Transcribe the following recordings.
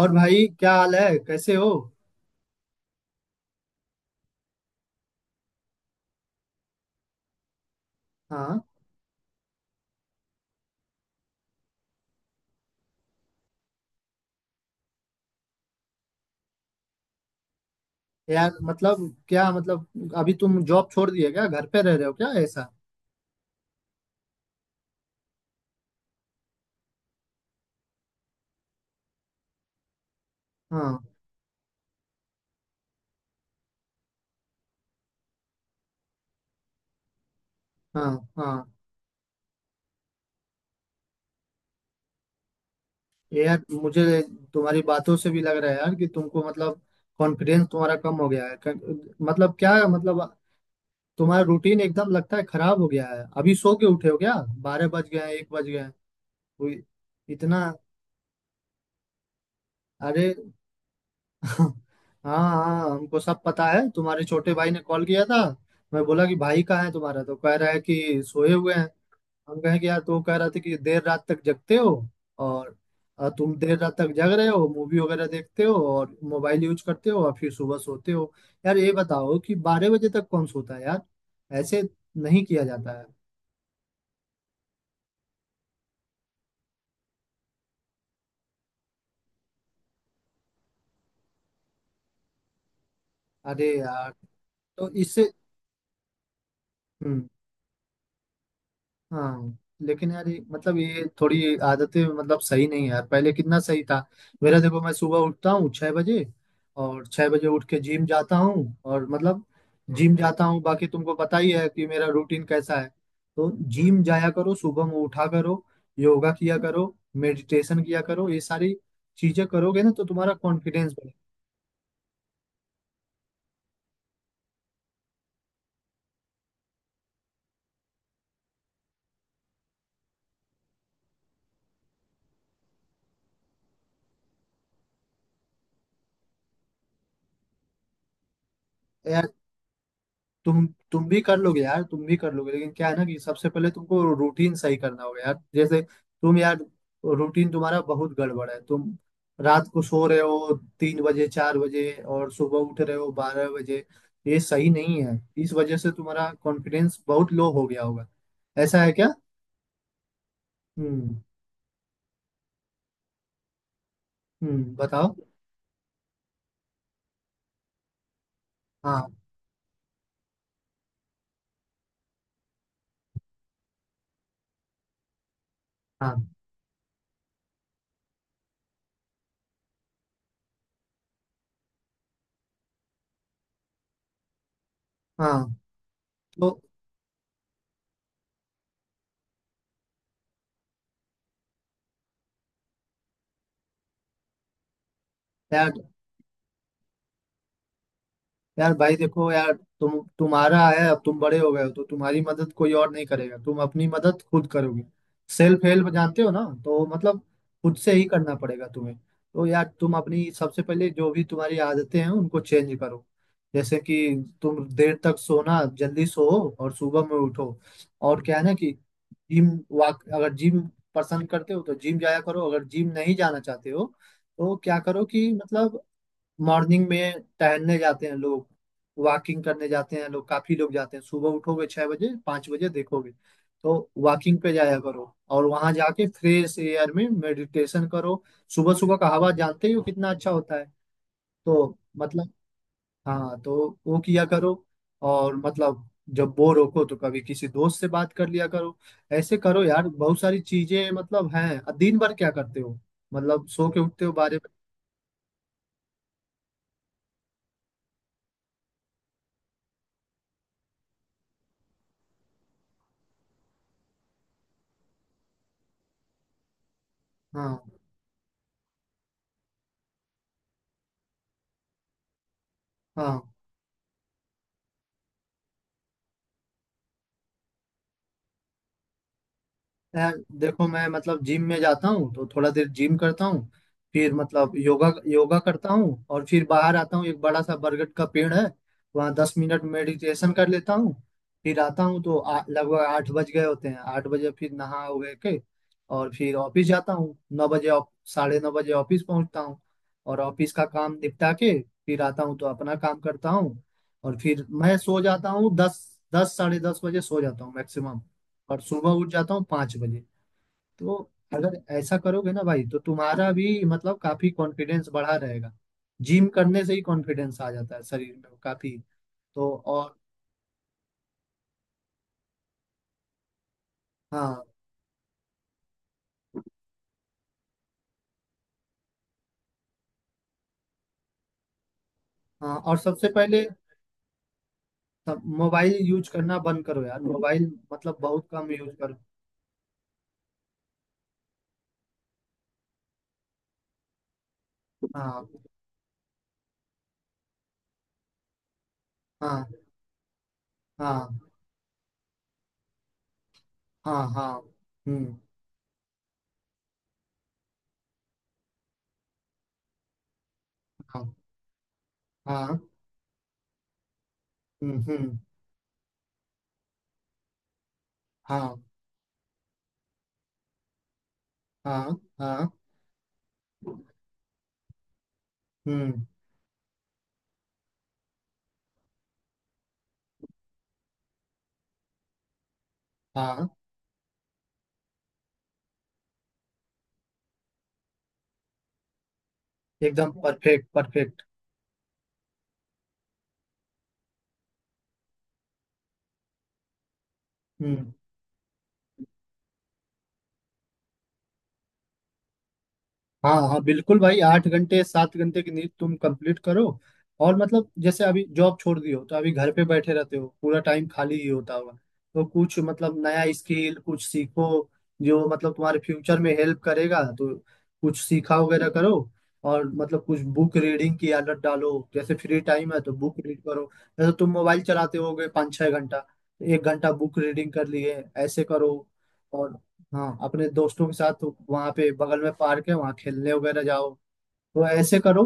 और भाई, क्या हाल है? कैसे हो? हाँ। यार मतलब, क्या मतलब, अभी तुम जॉब छोड़ दिए क्या? घर पे रह रहे हो क्या ऐसा? हाँ, हाँ। हाँ यार, मुझे तुम्हारी बातों से भी लग रहा है यार कि तुमको मतलब कॉन्फिडेंस तुम्हारा कम हो गया है। मतलब क्या मतलब, तुम्हारा रूटीन एकदम लगता है खराब हो गया है। अभी सो के उठे हो क्या? 12 बज गए हैं, 1 बज गए हैं कोई। इतना? अरे हाँ, हाँ, हमको सब पता है। तुम्हारे छोटे भाई ने कॉल किया था। मैं बोला कि भाई कहाँ है तुम्हारा, तो कह रहा है कि सोए हुए हैं। हम कहे कि यार, तो कह रहा था कि देर रात तक जगते हो। और तुम देर रात तक जग रहे हो, मूवी वगैरह देखते हो और मोबाइल यूज करते हो, और फिर सुबह सोते हो। यार ये बताओ कि 12 बजे तक कौन सोता है यार? ऐसे नहीं किया जाता है। अरे यार, तो इससे हम्म। हाँ लेकिन यार, ये मतलब ये थोड़ी आदतें मतलब सही नहीं है यार, पहले कितना सही था। मेरा देखो, मैं सुबह उठता हूँ 6 बजे, और 6 बजे उठ के जिम जाता हूँ और मतलब जिम जाता हूँ। बाकी तुमको पता ही है कि मेरा रूटीन कैसा है। तो जिम जाया करो, सुबह में उठा करो, योगा किया करो, मेडिटेशन किया करो। ये सारी चीजें करोगे ना तो तुम्हारा कॉन्फिडेंस बढ़ेगा। तुम तुम भी कर लोगे यार, तुम भी कर लोगे। लेकिन क्या है ना कि सबसे पहले तुमको रूटीन सही करना होगा यार। जैसे तुम यार, रूटीन तुम्हारा बहुत गड़बड़ है। तुम रात को सो रहे हो 3 बजे, 4 बजे, और सुबह उठ रहे हो 12 बजे। ये सही नहीं है, इस वजह से तुम्हारा कॉन्फिडेंस बहुत लो हो गया होगा। ऐसा है क्या? हम्म। हम्म, बताओ। हाँ, हाँ, हाँ। तो यार यार भाई, देखो यार, तुम, तुम्हारा है, अब तुम बड़े हो गए हो, तो तुम्हारी मदद कोई और नहीं करेगा, तुम अपनी मदद खुद करोगे। सेल्फ हेल्प जानते हो ना, तो मतलब खुद से ही करना पड़ेगा तुम्हें। तो यार, तुम अपनी सबसे पहले जो भी तुम्हारी आदतें हैं उनको चेंज करो। जैसे कि तुम देर तक सोना, जल्दी सो और सुबह में उठो। और क्या है ना कि जिम, वाक, अगर जिम पसंद करते हो तो जिम जाया करो, अगर जिम नहीं जाना चाहते हो तो क्या करो कि मतलब मॉर्निंग में टहलने जाते हैं लोग, वॉकिंग करने जाते हैं लोग, काफी लोग जाते हैं। सुबह उठोगे 6 बजे, 5 बजे, देखोगे। तो वॉकिंग पे जाया करो और वहां जाके फ्रेश एयर में मेडिटेशन करो। सुबह सुबह का हवा जानते ही हो कितना अच्छा होता है। तो मतलब हाँ, तो वो किया करो। और मतलब जब बोर हो तो कभी किसी दोस्त से बात कर लिया करो। ऐसे करो यार, बहुत सारी चीजें मतलब हैं। दिन भर क्या करते हो? मतलब सो के उठते हो बारे। हाँ, हाँ। यार देखो, मैं मतलब जिम में जाता हूँ तो थोड़ा देर जिम करता हूँ। फिर मतलब योगा योगा करता हूँ और फिर बाहर आता हूँ। एक बड़ा सा बरगद का पेड़ है, वहाँ 10 मिनट मेडिटेशन कर लेता हूँ। फिर आता हूँ तो लगभग 8 बज गए होते हैं। 8 बजे फिर नहा वहा के, और फिर ऑफिस जाता हूँ 9 बजे। 9:30 बजे ऑफिस पहुँचता हूँ। और ऑफिस का काम निपटा के फिर आता हूँ तो अपना काम करता हूँ। और फिर मैं सो जाता हूँ दस, 10:30 बजे सो जाता हूँ मैक्सिमम। और सुबह उठ जाता हूँ 5 बजे। तो अगर ऐसा करोगे ना भाई, तो तुम्हारा भी मतलब काफी कॉन्फिडेंस बढ़ा रहेगा। जिम करने से ही कॉन्फिडेंस आ जाता है शरीर में काफी। तो और हाँ, हाँ, और सबसे पहले सब मोबाइल यूज करना बंद करो यार। मोबाइल मतलब बहुत कम यूज करो। हाँ, हाँ, हाँ, हाँ, हाँ, हम्म। हाँ, हाँ, हम्म, हम्म। हाँ, हाँ, हाँ, हम्म। हाँ एकदम परफेक्ट, परफेक्ट। हम्म। हाँ, हाँ बिल्कुल भाई, 8 घंटे, 7 घंटे की नींद तुम कंप्लीट करो। और मतलब जैसे अभी जॉब छोड़ दी हो, तो अभी घर पे बैठे रहते हो, पूरा टाइम खाली ही होता होगा। तो कुछ मतलब नया स्किल कुछ सीखो जो मतलब तुम्हारे फ्यूचर में हेल्प करेगा। तो कुछ सीखा वगैरह करो। और मतलब कुछ बुक रीडिंग की आदत डालो, जैसे फ्री टाइम है तो बुक रीड करो। जैसे तुम मोबाइल चलाते होगे 5-6 घंटा, तो 1 घंटा बुक रीडिंग कर लिए, ऐसे करो। और हाँ, अपने दोस्तों के साथ वहां पे बगल में पार्क है, वहां खेलने वगैरह जाओ। तो ऐसे करो।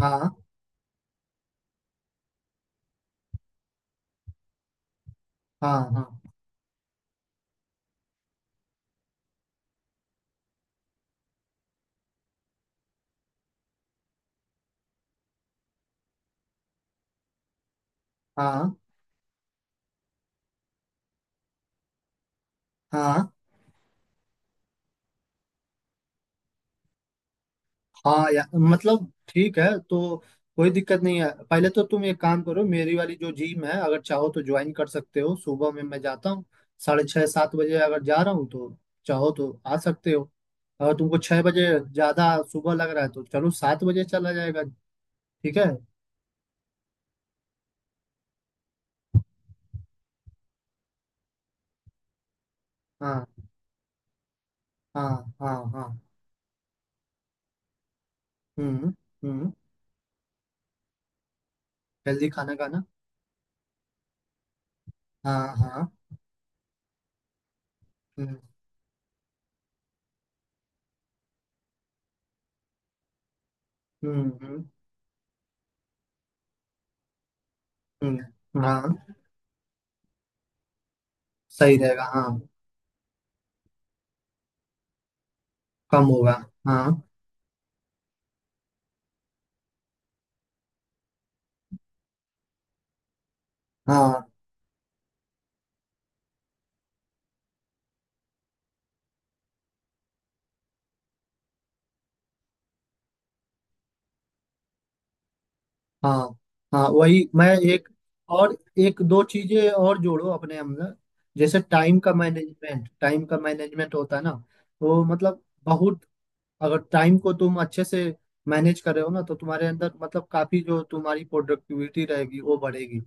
हाँ, हाँ, हाँ, हाँ, हाँ। हाँ यार, मतलब ठीक है, तो कोई दिक्कत नहीं है। पहले तो तुम एक काम करो, मेरी वाली जो जिम है अगर चाहो तो ज्वाइन कर सकते हो। सुबह में मैं जाता हूँ 6:30, 7 बजे, अगर जा रहा हूँ तो चाहो तो आ सकते हो। अगर तुमको 6 बजे ज्यादा सुबह लग रहा है, तो चलो 7 बजे चला जाएगा। ठीक है। हाँ, हाँ, हाँ, हाँ, हम्म, हम्म। हेल्दी खाना खाना। हाँ, हाँ, हम्म, हम्म, हम्म, हाँ। सही रहेगा, हाँ। कम होगा। हाँ, हाँ, हाँ। हाँ वही, मैं, एक, और एक दो चीजें और जोड़ो अपने अंदर। जैसे टाइम का मैनेजमेंट, टाइम का मैनेजमेंट होता है ना, वो मतलब बहुत, अगर टाइम को तुम अच्छे से मैनेज कर रहे हो ना, तो तुम्हारे अंदर मतलब काफी जो तुम्हारी प्रोडक्टिविटी रहेगी वो बढ़ेगी।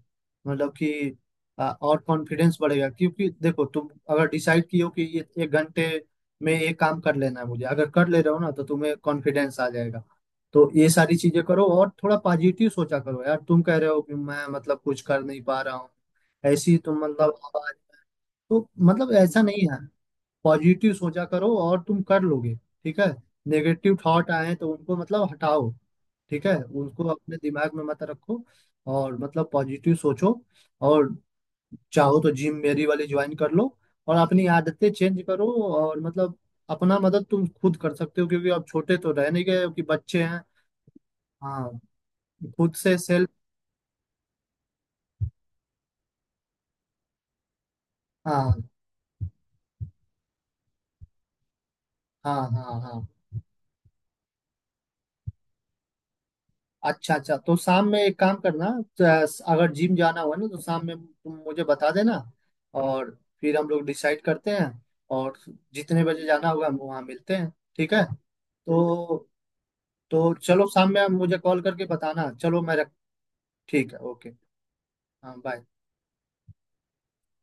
मतलब कि और कॉन्फिडेंस बढ़ेगा, क्योंकि देखो तुम अगर डिसाइड किए हो कि ये 1 घंटे में ये काम कर लेना है मुझे, अगर कर ले रहे हो ना तो तुम्हें कॉन्फिडेंस आ जाएगा। तो ये सारी चीजें करो और थोड़ा पॉजिटिव सोचा करो यार। तुम कह रहे हो कि मैं मतलब कुछ कर नहीं पा रहा हूँ, ऐसी तुम मतलब आवाज, तो मतलब ऐसा नहीं है। पॉजिटिव सोचा करो और तुम कर लोगे, ठीक है? नेगेटिव थॉट आए तो उनको मतलब हटाओ, ठीक है? उनको अपने दिमाग में मत रखो और मतलब पॉजिटिव सोचो। और चाहो तो जिम मेरी वाली ज्वाइन कर लो, और अपनी आदतें चेंज करो। और मतलब अपना मदद तुम खुद कर सकते हो, क्योंकि अब छोटे तो रह नहीं गए हो कि बच्चे हैं। हाँ, खुद से सेल्फ। हाँ, हाँ, हाँ, हाँ। अच्छा, अच्छा, तो शाम में एक काम करना। तो अगर जिम जाना हुआ ना, तो शाम में तुम मुझे बता देना, और फिर हम लोग डिसाइड करते हैं। और जितने बजे जाना होगा, हम वहाँ मिलते हैं, ठीक है? तो तो चलो, शाम में आप मुझे कॉल करके बताना। चलो मैं रख, ठीक है, ओके। हाँ, बाय।